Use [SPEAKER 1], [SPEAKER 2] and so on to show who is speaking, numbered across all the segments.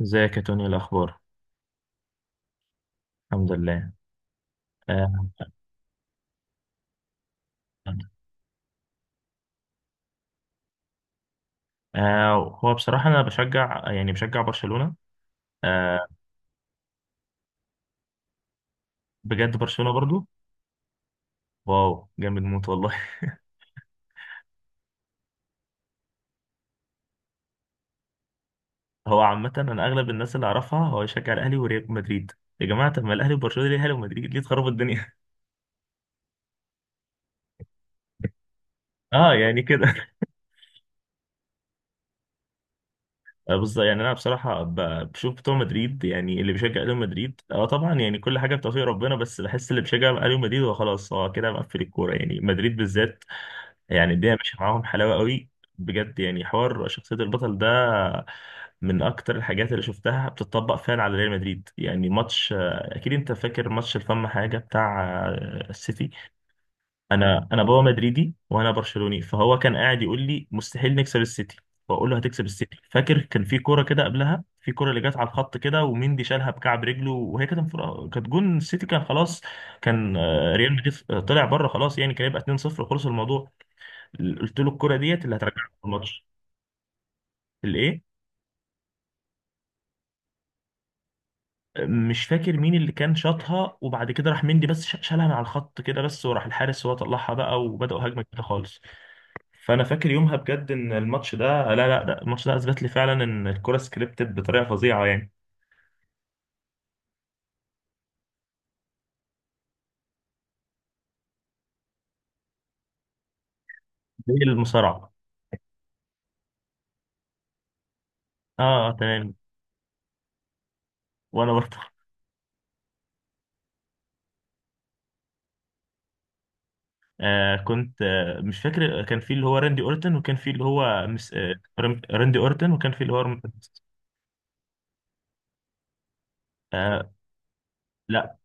[SPEAKER 1] ازيك يا توني؟ إيه الاخبار؟ الحمد لله. آه. آه، هو بصراحه انا بشجع، يعني بشجع برشلونه. آه، بجد برشلونه برضو. واو، جامد موت والله. هو عامه اغلب الناس اللي اعرفها هو يشجع الاهلي وريال مدريد. يا جماعه، طب ما الاهلي وبرشلونه ليه؟ الاهلي ومدريد ليه؟ تخربوا الدنيا. اه يعني كده. آه بالظبط. يعني انا بصراحه بشوف بتوع مدريد، يعني اللي بيشجع ريال مدريد اه طبعا، يعني كل حاجه بتوفيق ربنا، بس بحس اللي بيشجع ريال مدريد هو خلاص هو كده مقفل الكوره، يعني مدريد بالذات. يعني الدنيا ماشيه معاهم حلاوه قوي. بجد يعني حوار شخصيه البطل ده من اكتر الحاجات اللي شفتها بتطبق فعلا على ريال مدريد. يعني ماتش، اكيد انت فاكر ماتش الفم حاجه بتاع السيتي. انا بابا مدريدي وانا برشلوني، فهو كان قاعد يقول لي مستحيل نكسب السيتي. بقول له هتكسب السيتي. فاكر كان في كوره كده قبلها، في كوره اللي جت على الخط كده وميندي شالها بكعب رجله وهي كانت كانت جون السيتي، كان خلاص. كان ريال مدريد طلع بره، خلاص يعني كان يبقى 2-0 وخلص الموضوع. قلت له الكرة ديت اللي هترجعك في الماتش. الايه؟ مش فاكر مين اللي كان شاطها وبعد كده راح مندي بس شالها من على الخط كده بس، وراح الحارس هو طلعها بقى وبدأوا هجمة كده خالص. فانا فاكر يومها بجد ان الماتش ده، لا لا، ده الماتش ده اثبت لي فعلا ان الكرة سكريبتد بطريقة فظيعة يعني. زي المصارعة. اه آه، تمام. وانا برضه. آه كنت، آه مش فاكر، كان في اللي هو راندي اورتن وكان في اللي هو راندي اورتن وكان في اللي هو رم-. آه لا،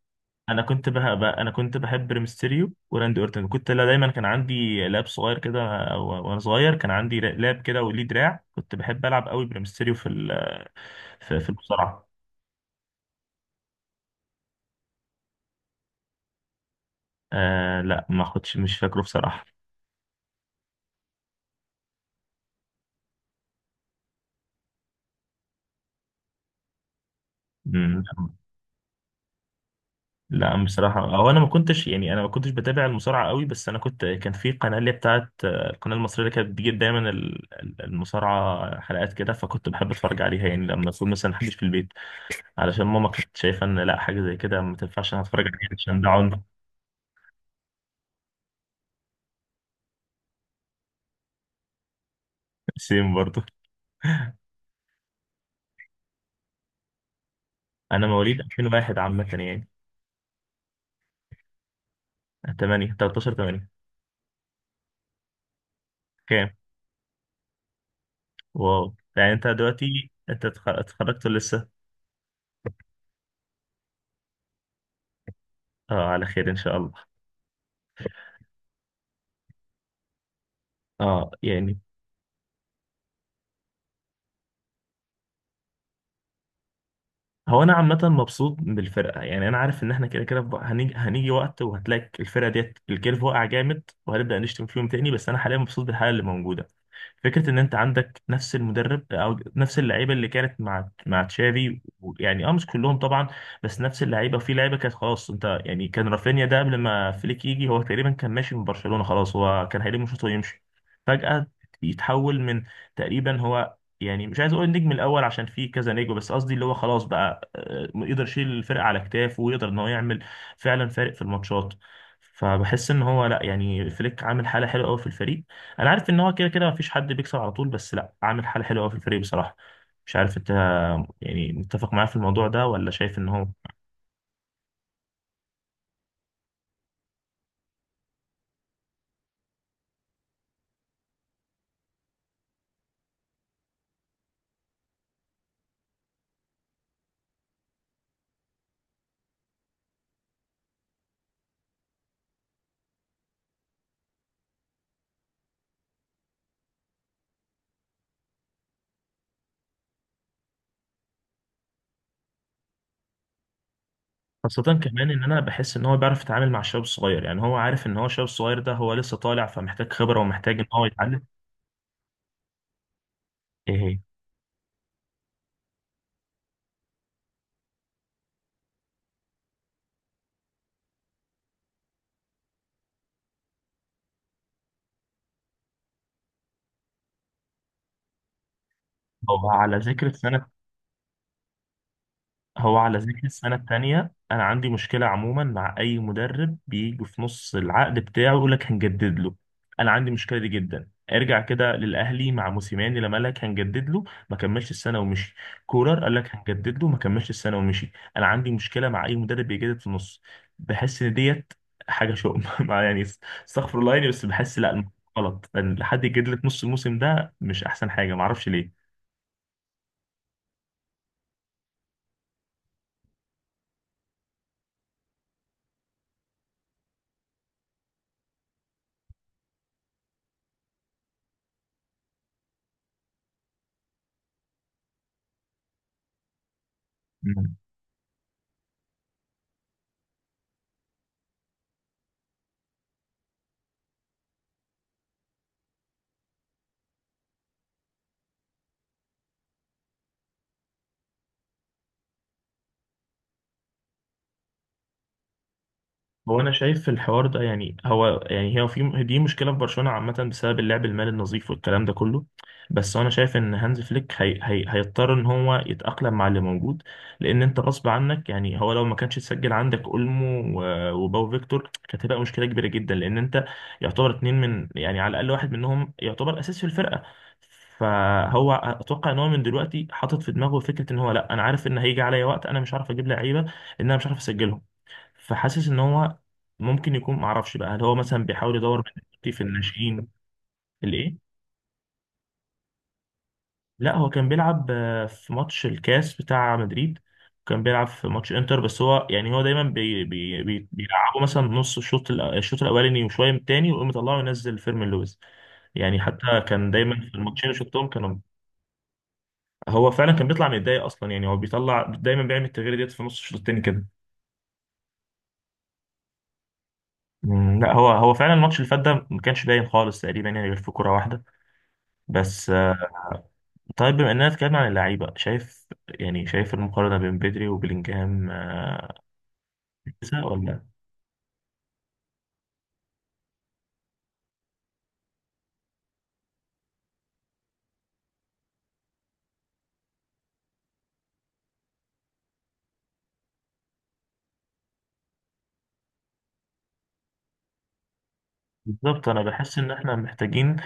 [SPEAKER 1] انا كنت بقى, بقى انا كنت بحب ريمستيريو وراندي اورتن كنت، لا دايما كان عندي لاب صغير كده. او وانا صغير كان عندي لاب كده وليه دراع، كنت بحب العب قوي بريمستيريو في ال في المصارعه. آه لا ما اخدش، مش فاكره بصراحه. مم، لا بصراحه او انا ما كنتش، يعني انا ما كنتش بتابع المصارعه قوي، بس انا كنت، كان في قناه اللي هي بتاعت القناه المصريه اللي كانت بتجيب دايما المصارعه حلقات كده، فكنت بحب اتفرج عليها يعني لما اكون مثلا محدش في البيت، علشان ماما كانت شايفه ان لا حاجه زي كده ما تنفعش انا اتفرج عليها عشان ده عنف. سيم برضه. انا مواليد 2001 عامه يعني. 8 13 8. كام؟ واو، يعني انت دلوقتي انت اتخرجت لسه. اه على خير ان شاء الله. اه يعني هو انا عامه مبسوط بالفرقه، يعني انا عارف ان احنا كده كده هنيجي وقت وهتلاقي الفرقه ديت الكيرف واقع جامد وهنبدا نشتم فيهم تاني، بس انا حاليا مبسوط بالحاله اللي موجوده. فكره ان انت عندك نفس المدرب او نفس اللعيبه اللي كانت مع تشافي يعني اه مش كلهم طبعا، بس نفس اللعيبه، في لعيبه كانت خلاص، انت يعني كان رافينيا ده قبل ما فليك يجي هو تقريبا كان ماشي من برشلونه خلاص، هو كان هيلم شوطه ويمشي. فجاه يتحول من، تقريبا هو يعني مش عايز اقول النجم الاول عشان في كذا نجم، بس قصدي اللي هو خلاص بقى يقدر يشيل الفرقة على كتافه ويقدر ان هو يعمل فعلا فارق في الماتشات. فبحس ان هو، لا يعني فليك عامل حاله حلوه قوي في الفريق. انا عارف ان هو كده كده مفيش حد بيكسب على طول، بس لا عامل حاله حلوه قوي في الفريق بصراحه. مش عارف انت، يعني متفق معاه في الموضوع ده ولا شايف ان هو، خاصة كمان ان انا بحس ان هو بيعرف يتعامل مع الشباب الصغير، يعني هو عارف ان هو الشباب الصغير ده هو لسه طالع، فمحتاج خبرة ومحتاج ان هو يتعلم. ايه هي؟ هو على ذكر سنة، هو على ذكر السنة التانية أنا عندي مشكلة عموما مع أي مدرب بيجي في نص العقد بتاعه يقول لك هنجدد له. أنا عندي المشكلة دي جدا. ارجع كده للأهلي مع موسيماني لما قال لك هنجدد له، ما كملش السنة ومشي. كولر قال لك هنجدد له، ما كملش السنة ومشي. أنا عندي مشكلة مع أي مدرب بيجدد في النص. بحس إن ديت حاجة شؤم. يعني استغفر الله يعني، بس بحس لا غلط إن حد يجدد لك نص الموسم ده، مش أحسن حاجة معرفش ليه. هو انا شايف في الحوار ده، يعني هو يعني هي في دي مشكله في برشلونه عامه بسبب اللعب المالي النظيف والكلام ده كله، بس انا شايف ان هانز فليك هي هيضطر ان هو يتاقلم مع اللي موجود، لان انت غصب عنك. يعني هو لو ما كانش تسجل عندك اولمو وباو فيكتور كانت هتبقى مشكله كبيره جدا، لان انت يعتبر اتنين، من يعني على الاقل واحد منهم يعتبر اساس في الفرقه. فهو اتوقع ان هو من دلوقتي حاطط في دماغه فكره ان هو، لا انا عارف ان هيجي عليا وقت انا مش عارف اجيب لعيبه لان انا مش عارف اسجلهم. فحاسس ان هو ممكن يكون معرفش بقى هل هو مثلا بيحاول يدور من دلوقتي في الناشئين. الايه؟ لا هو كان بيلعب في ماتش الكاس بتاع مدريد، وكان بيلعب في ماتش انتر، بس هو يعني هو دايما بي بي بي بيلعبوا مثلا نص الشوط الشوط الاولاني وشويه من التاني ويقوم يطلعه ينزل فيرمين لويس. يعني حتى كان دايما في الماتشين اللي شفتهم كانوا، هو فعلا كان بيطلع من الدقايق اصلا، يعني هو بيطلع دايما بيعمل التغيير ديت في نص الشوط التاني كده. مم، لا هو فعلا الماتش اللي فات ده ما كانش باين خالص تقريبا، يعني غير في كرة واحدة بس. طيب بما اننا اتكلمنا عن اللعيبه، شايف يعني، شايف المقارنه بين بدري وبلينجهام آه، كويسه ولا؟ بالظبط انا بحس ان احنا محتاجين،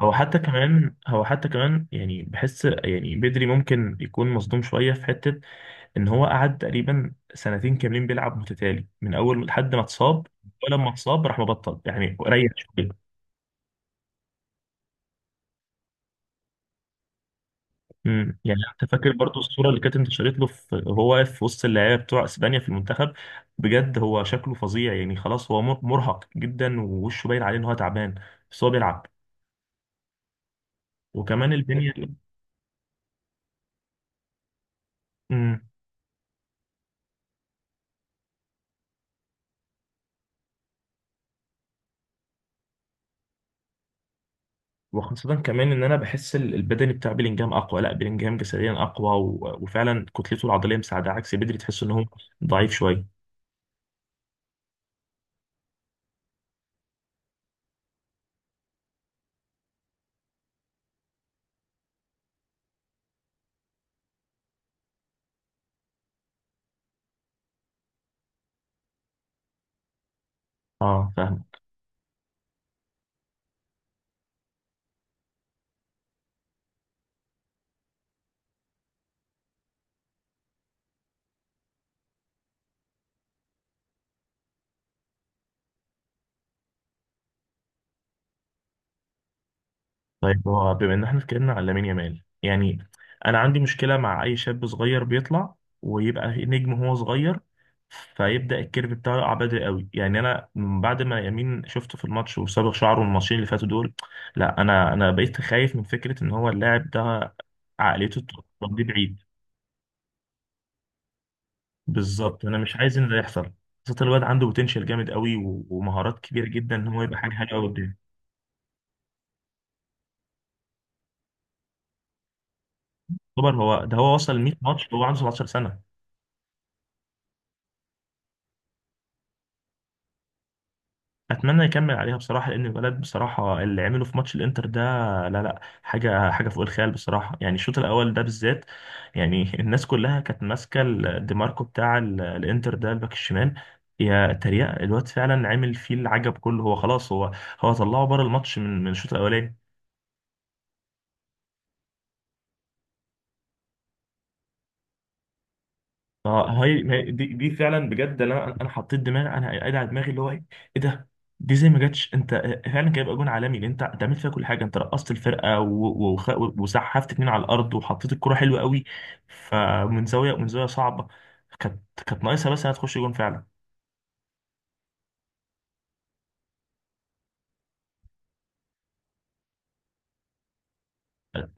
[SPEAKER 1] هو حتى كمان يعني بحس يعني بدري ممكن يكون مصدوم شويه في حته، ان هو قعد تقريبا سنتين كاملين بيلعب متتالي من اول لحد ما اتصاب. ولما اتصاب راح مبطل يعني، ريح شويه. يعني انت فاكر برضو الصوره اللي كانت انتشرت له، في هو واقف في وسط اللعيبه بتوع اسبانيا في المنتخب. بجد هو شكله فظيع، يعني خلاص هو مرهق جدا ووشه باين عليه ان هو تعبان، بس هو بيلعب. وكمان البنيه. امم. وخاصه كمان ان انا بحس البدني بتاع بيلينجهام اقوى، لا بيلينجهام جسديا اقوى و... وفعلا كتلته العضليه مساعده، عكس بدري تحس ان هو ضعيف شويه. اه فاهم. طيب هو بما ان احنا اتكلمنا على لامين يامال يعني، انا عندي مشكله مع اي شاب صغير بيطلع ويبقى نجم هو صغير، فيبدا الكيرف بتاعه يقع بدري قوي. يعني انا من بعد ما يمين شفته في الماتش وصابغ شعره الماتشين اللي فاتوا دول، لا انا بقيت خايف من فكره ان هو اللاعب ده عقليته توديه بعيد. بالظبط انا مش عايز ان ده يحصل. خاصه الواد عنده بوتنشال جامد قوي ومهارات كبيره جدا، ان هو يبقى حاجه حلوه قوي قدام. يعتبر هو ده هو وصل 100 ماتش وهو عنده 17 سنة سنه. اتمنى يكمل عليها بصراحه، لان الولد بصراحه اللي عمله في ماتش الانتر ده، لا لا حاجه، حاجه فوق الخيال بصراحه، يعني الشوط الاول ده بالذات. يعني الناس كلها كانت ماسكه دي ماركو بتاع الانتر ده، الباك الشمال. يا تريقه، الواد فعلا عامل فيه العجب كله. هو خلاص هو، هو طلعه بره الماتش من الشوط الاولاني. ما هو- هي ما هي دي فعلا بجد، انا حطيت دماغي انا قاعد على دماغي اللي هو ايه؟ ايه ده؟ دي زي ما جاتش انت، فعلا كان يبقى جون عالمي. لان انت، انت عملت فيها كل حاجه، انت رقصت الفرقه وسحبت اتنين على الارض وحطيت الكرة حلوه قوي. فمن زاويه، من زاويه صعبه، كانت، كانت ناقصها بس انها تخش جون فعلا.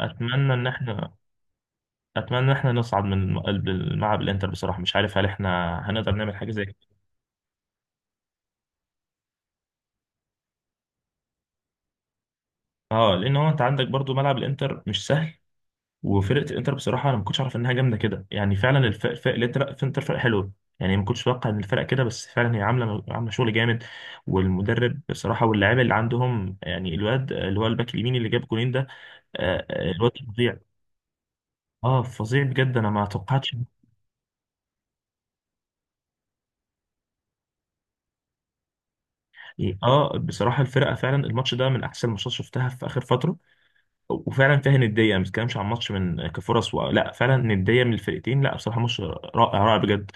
[SPEAKER 1] اتمنى ان احنا، اتمنى ان احنا نصعد من قلب الملعب الانتر بصراحه، مش عارف هل احنا هنقدر نعمل حاجه زي كده. اه لان هو انت عندك برضو ملعب الانتر مش سهل، وفرقه الانتر بصراحه انا ما كنتش اعرف انها جامده كده، يعني فعلا الف... الف... الانتر الانتر فرقه حلوه. يعني ما كنتش اتوقع ان الفرقه كده، بس فعلا هي عامله شغل جامد. والمدرب بصراحه واللاعيبه اللي عندهم، يعني الواد اللي هو الباك اليمين اللي جاب جولين ده، الواد فظيع. اه فظيع بجد، انا ما توقعتش. اه بصراحه الفرقه فعلا، الماتش ده من احسن الماتشات شفتها في اخر فتره، وفعلا فيها نديه. ما بتكلمش عن ماتش من كفرص و... لا فعلا نديه من الفرقتين، لا بصراحه ماتش رائع رائع بجد.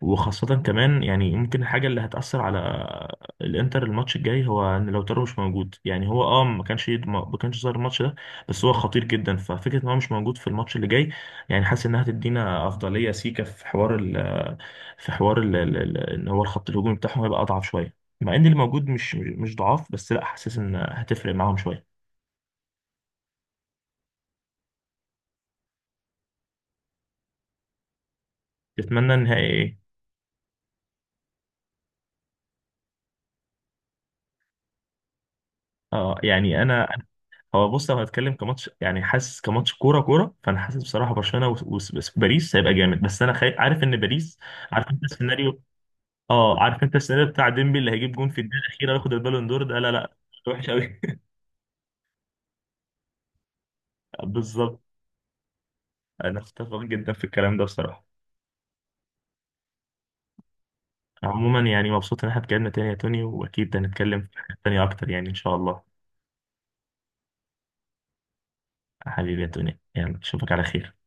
[SPEAKER 1] وخاصة كمان يعني، يمكن الحاجة اللي هتأثر على الانتر الماتش الجاي هو ان لوتارو مش موجود، يعني هو اه ما كانش، ما كانش ظاهر الماتش ده بس هو خطير جدا. ففكرة ان هو مش موجود في الماتش اللي جاي، يعني حاسس انها هتدينا افضلية سيكا في حوار ال، في حوار ان هو الخط الهجومي بتاعهم هيبقى اضعف شوية. مع ان اللي موجود مش، مش ضعاف، بس لا حاسس ان هتفرق معاهم شوية. تتمنى النهائي ايه؟ اه يعني انا، هو بص لو هنتكلم كماتش، يعني حاسس كماتش كوره كوره، فانا حاسس بصراحه برشلونه وباريس هيبقى جامد، بس انا خايف، عارف ان باريس، عارف انت السيناريو. اه عارف انت السيناريو بتاع ديمبلي اللي هيجيب جون في الدقيقه الاخيره وياخد البالون دور ده. لا لا وحش قوي. بالظبط. انا اتفق جدا في الكلام ده بصراحه. عموما يعني مبسوط ان احنا اتكلمنا تاني يا توني، واكيد هنتكلم في حاجات تانيه اكتر يعني ان شاء الله. حبيبي يا توني، يلا اشوفك على خير.